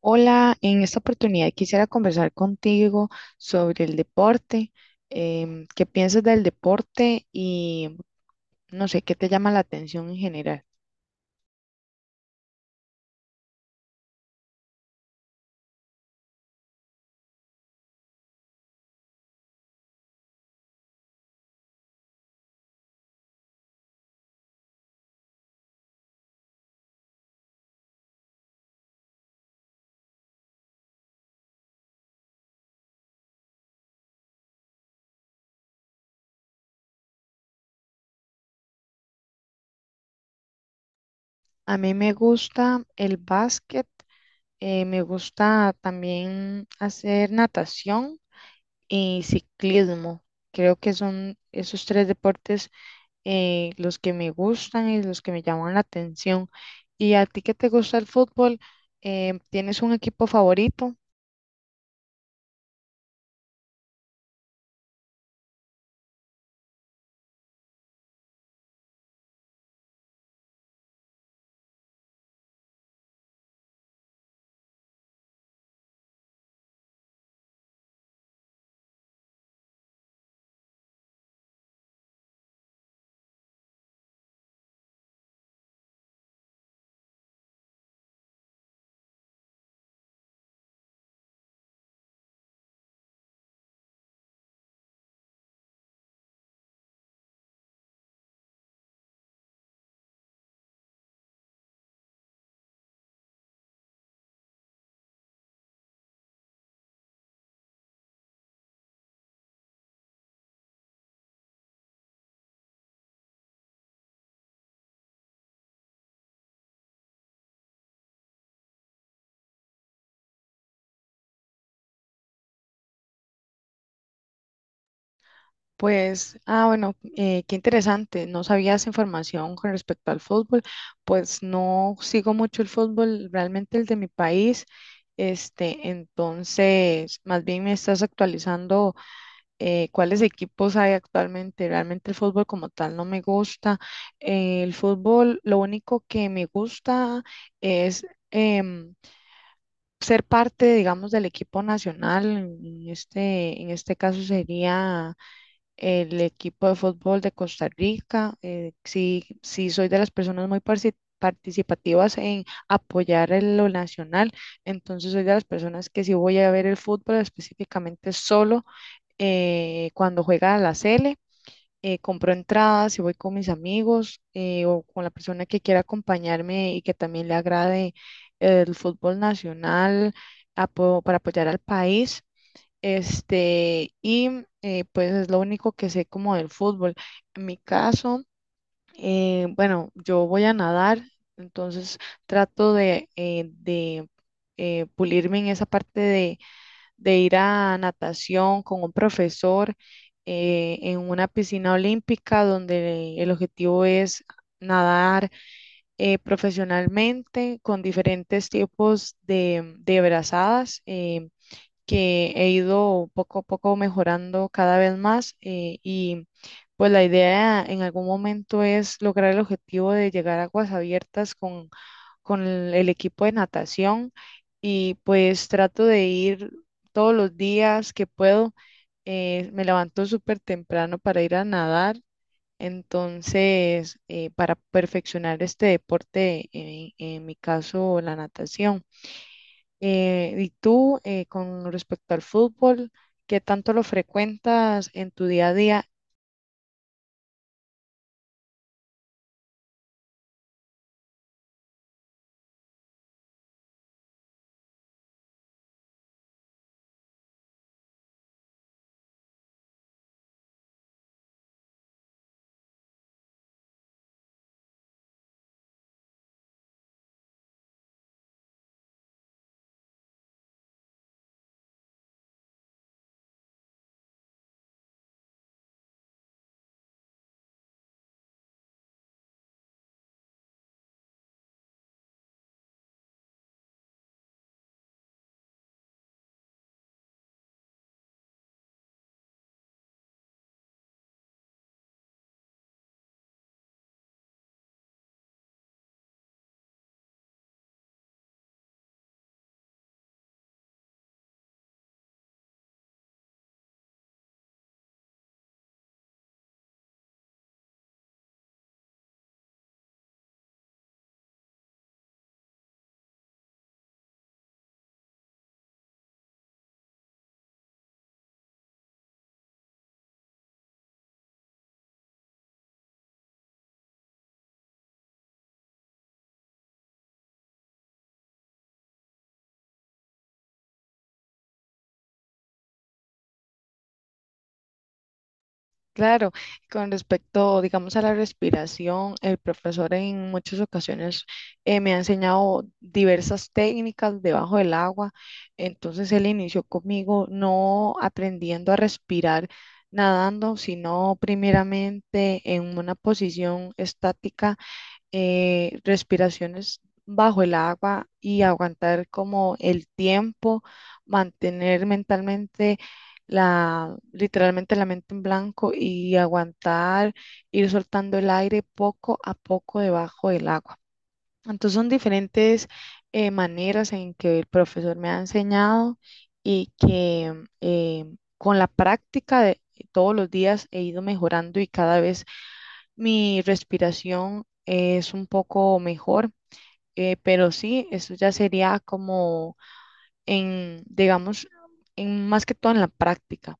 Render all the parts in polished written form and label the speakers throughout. Speaker 1: Hola, en esta oportunidad quisiera conversar contigo sobre el deporte. ¿Qué piensas del deporte y no sé, qué te llama la atención en general? A mí me gusta el básquet, me gusta también hacer natación y ciclismo. Creo que son esos tres deportes los que me gustan y los que me llaman la atención. ¿Y a ti que te gusta el fútbol? ¿Tienes un equipo favorito? Pues, ah, bueno, qué interesante. No sabía esa información con respecto al fútbol. Pues no sigo mucho el fútbol, realmente el de mi país. Este, entonces, más bien me estás actualizando cuáles equipos hay actualmente. Realmente el fútbol como tal no me gusta. El fútbol, lo único que me gusta es em, ser parte, digamos, del equipo nacional. En este caso sería el equipo de fútbol de Costa Rica. Sí, sí soy de las personas muy participativas en apoyar en lo nacional, entonces soy de las personas que sí voy a ver el fútbol específicamente solo cuando juega la Sele. Compro entradas y voy con mis amigos o con la persona que quiera acompañarme y que también le agrade el fútbol nacional para apoyar al país. Este, y pues es lo único que sé como del fútbol. En mi caso, bueno, yo voy a nadar, entonces trato de pulirme en esa parte de ir a natación con un profesor en una piscina olímpica donde el objetivo es nadar profesionalmente con diferentes tipos de brazadas. Que he ido poco a poco mejorando cada vez más y pues la idea en algún momento es lograr el objetivo de llegar a aguas abiertas con el equipo de natación y pues trato de ir todos los días que puedo. Me levanto súper temprano para ir a nadar, entonces para perfeccionar este deporte, en mi caso la natación. Y tú, con respecto al fútbol, ¿qué tanto lo frecuentas en tu día a día? Claro, con respecto, digamos, a la respiración, el profesor en muchas ocasiones me ha enseñado diversas técnicas debajo del agua. Entonces él inició conmigo no aprendiendo a respirar nadando, sino primeramente en una posición estática respiraciones bajo el agua y aguantar como el tiempo, mantener mentalmente la, literalmente la mente en blanco y aguantar, ir soltando el aire poco a poco debajo del agua. Entonces son diferentes maneras en que el profesor me ha enseñado y que eh, con la práctica de todos los días he ido mejorando y cada vez mi respiración es un poco mejor, pero sí, eso ya sería como en, digamos, en más que todo en la práctica.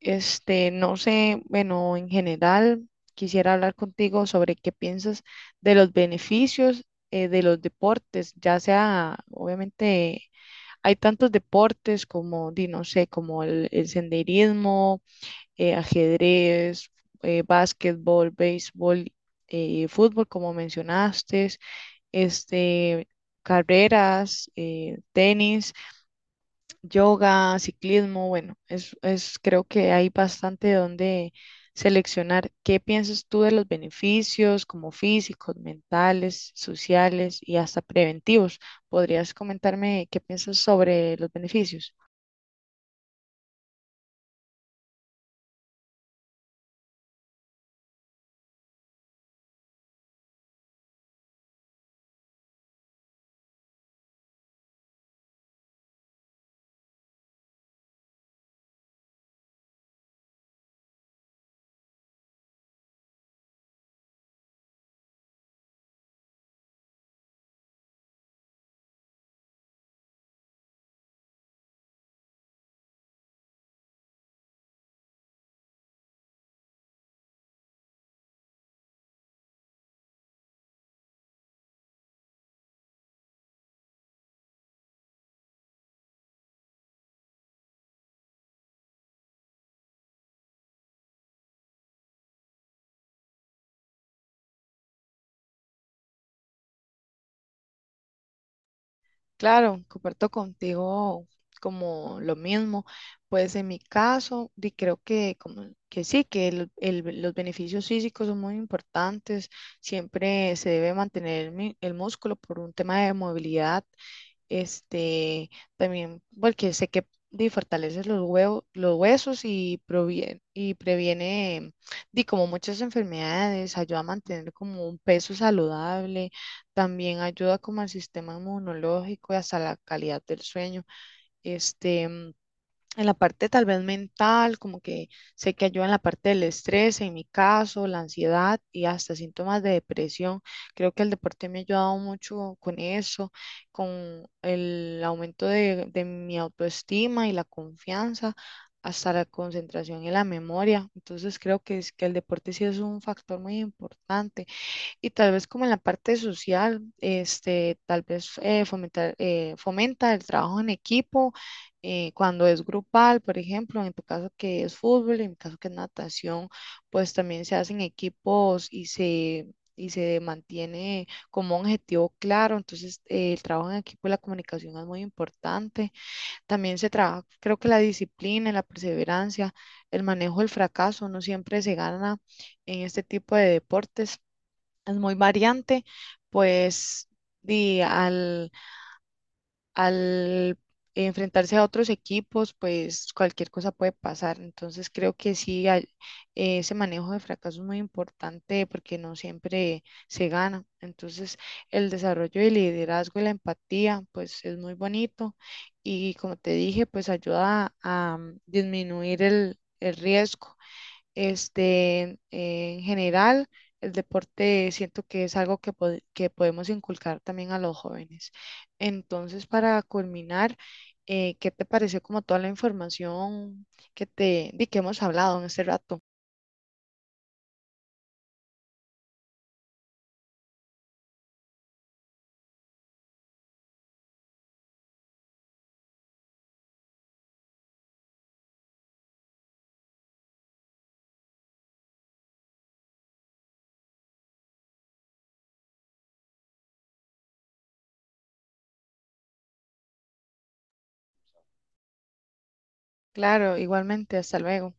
Speaker 1: Este, no sé, bueno, en general, quisiera hablar contigo sobre qué piensas de los beneficios de los deportes, ya sea, obviamente, hay tantos deportes como, di, no sé, como el senderismo ajedrez, básquetbol, béisbol, fútbol, como mencionaste, este, carreras, tenis, yoga, ciclismo, bueno, es, creo que hay bastante donde seleccionar. ¿Qué piensas tú de los beneficios como físicos, mentales, sociales y hasta preventivos? ¿Podrías comentarme qué piensas sobre los beneficios? Claro, comparto contigo como lo mismo. Pues en mi caso, creo que, como, que sí, que los beneficios físicos son muy importantes. Siempre se debe mantener el músculo por un tema de movilidad. Este, también porque sé que di, fortalece los huevos, los huesos y proviene, y previene di, como muchas enfermedades, ayuda a mantener como un peso saludable, también ayuda como al sistema inmunológico y hasta la calidad del sueño. Este, en la parte tal vez mental, como que sé que ayuda en la parte del estrés, en mi caso, la ansiedad y hasta síntomas de depresión. Creo que el deporte me ha ayudado mucho con eso, con el aumento de mi autoestima y la confianza, hasta la concentración y la memoria. Entonces creo que, es, que el deporte sí es un factor muy importante. Y tal vez como en la parte social, este, tal vez fomenta el trabajo en equipo, cuando es grupal, por ejemplo, en tu caso que es fútbol, en mi caso que es natación, pues también se hacen equipos y se mantiene como un objetivo claro. Entonces, el trabajo en equipo y la comunicación es muy importante. También se trabaja, creo que la disciplina, la perseverancia, el manejo del fracaso, no siempre se gana en este tipo de deportes es muy variante, pues di, al, al enfrentarse a otros equipos, pues cualquier cosa puede pasar. Entonces creo que sí, ese manejo de fracaso es muy importante porque no siempre se gana. Entonces el desarrollo del liderazgo y la empatía, pues es muy bonito y como te dije, pues ayuda a, disminuir el riesgo. Este, en general, el deporte siento que es algo que, que podemos inculcar también a los jóvenes. Entonces, para culminar, ¿qué te pareció como toda la información que te di que hemos hablado en este rato? Claro, igualmente, hasta luego.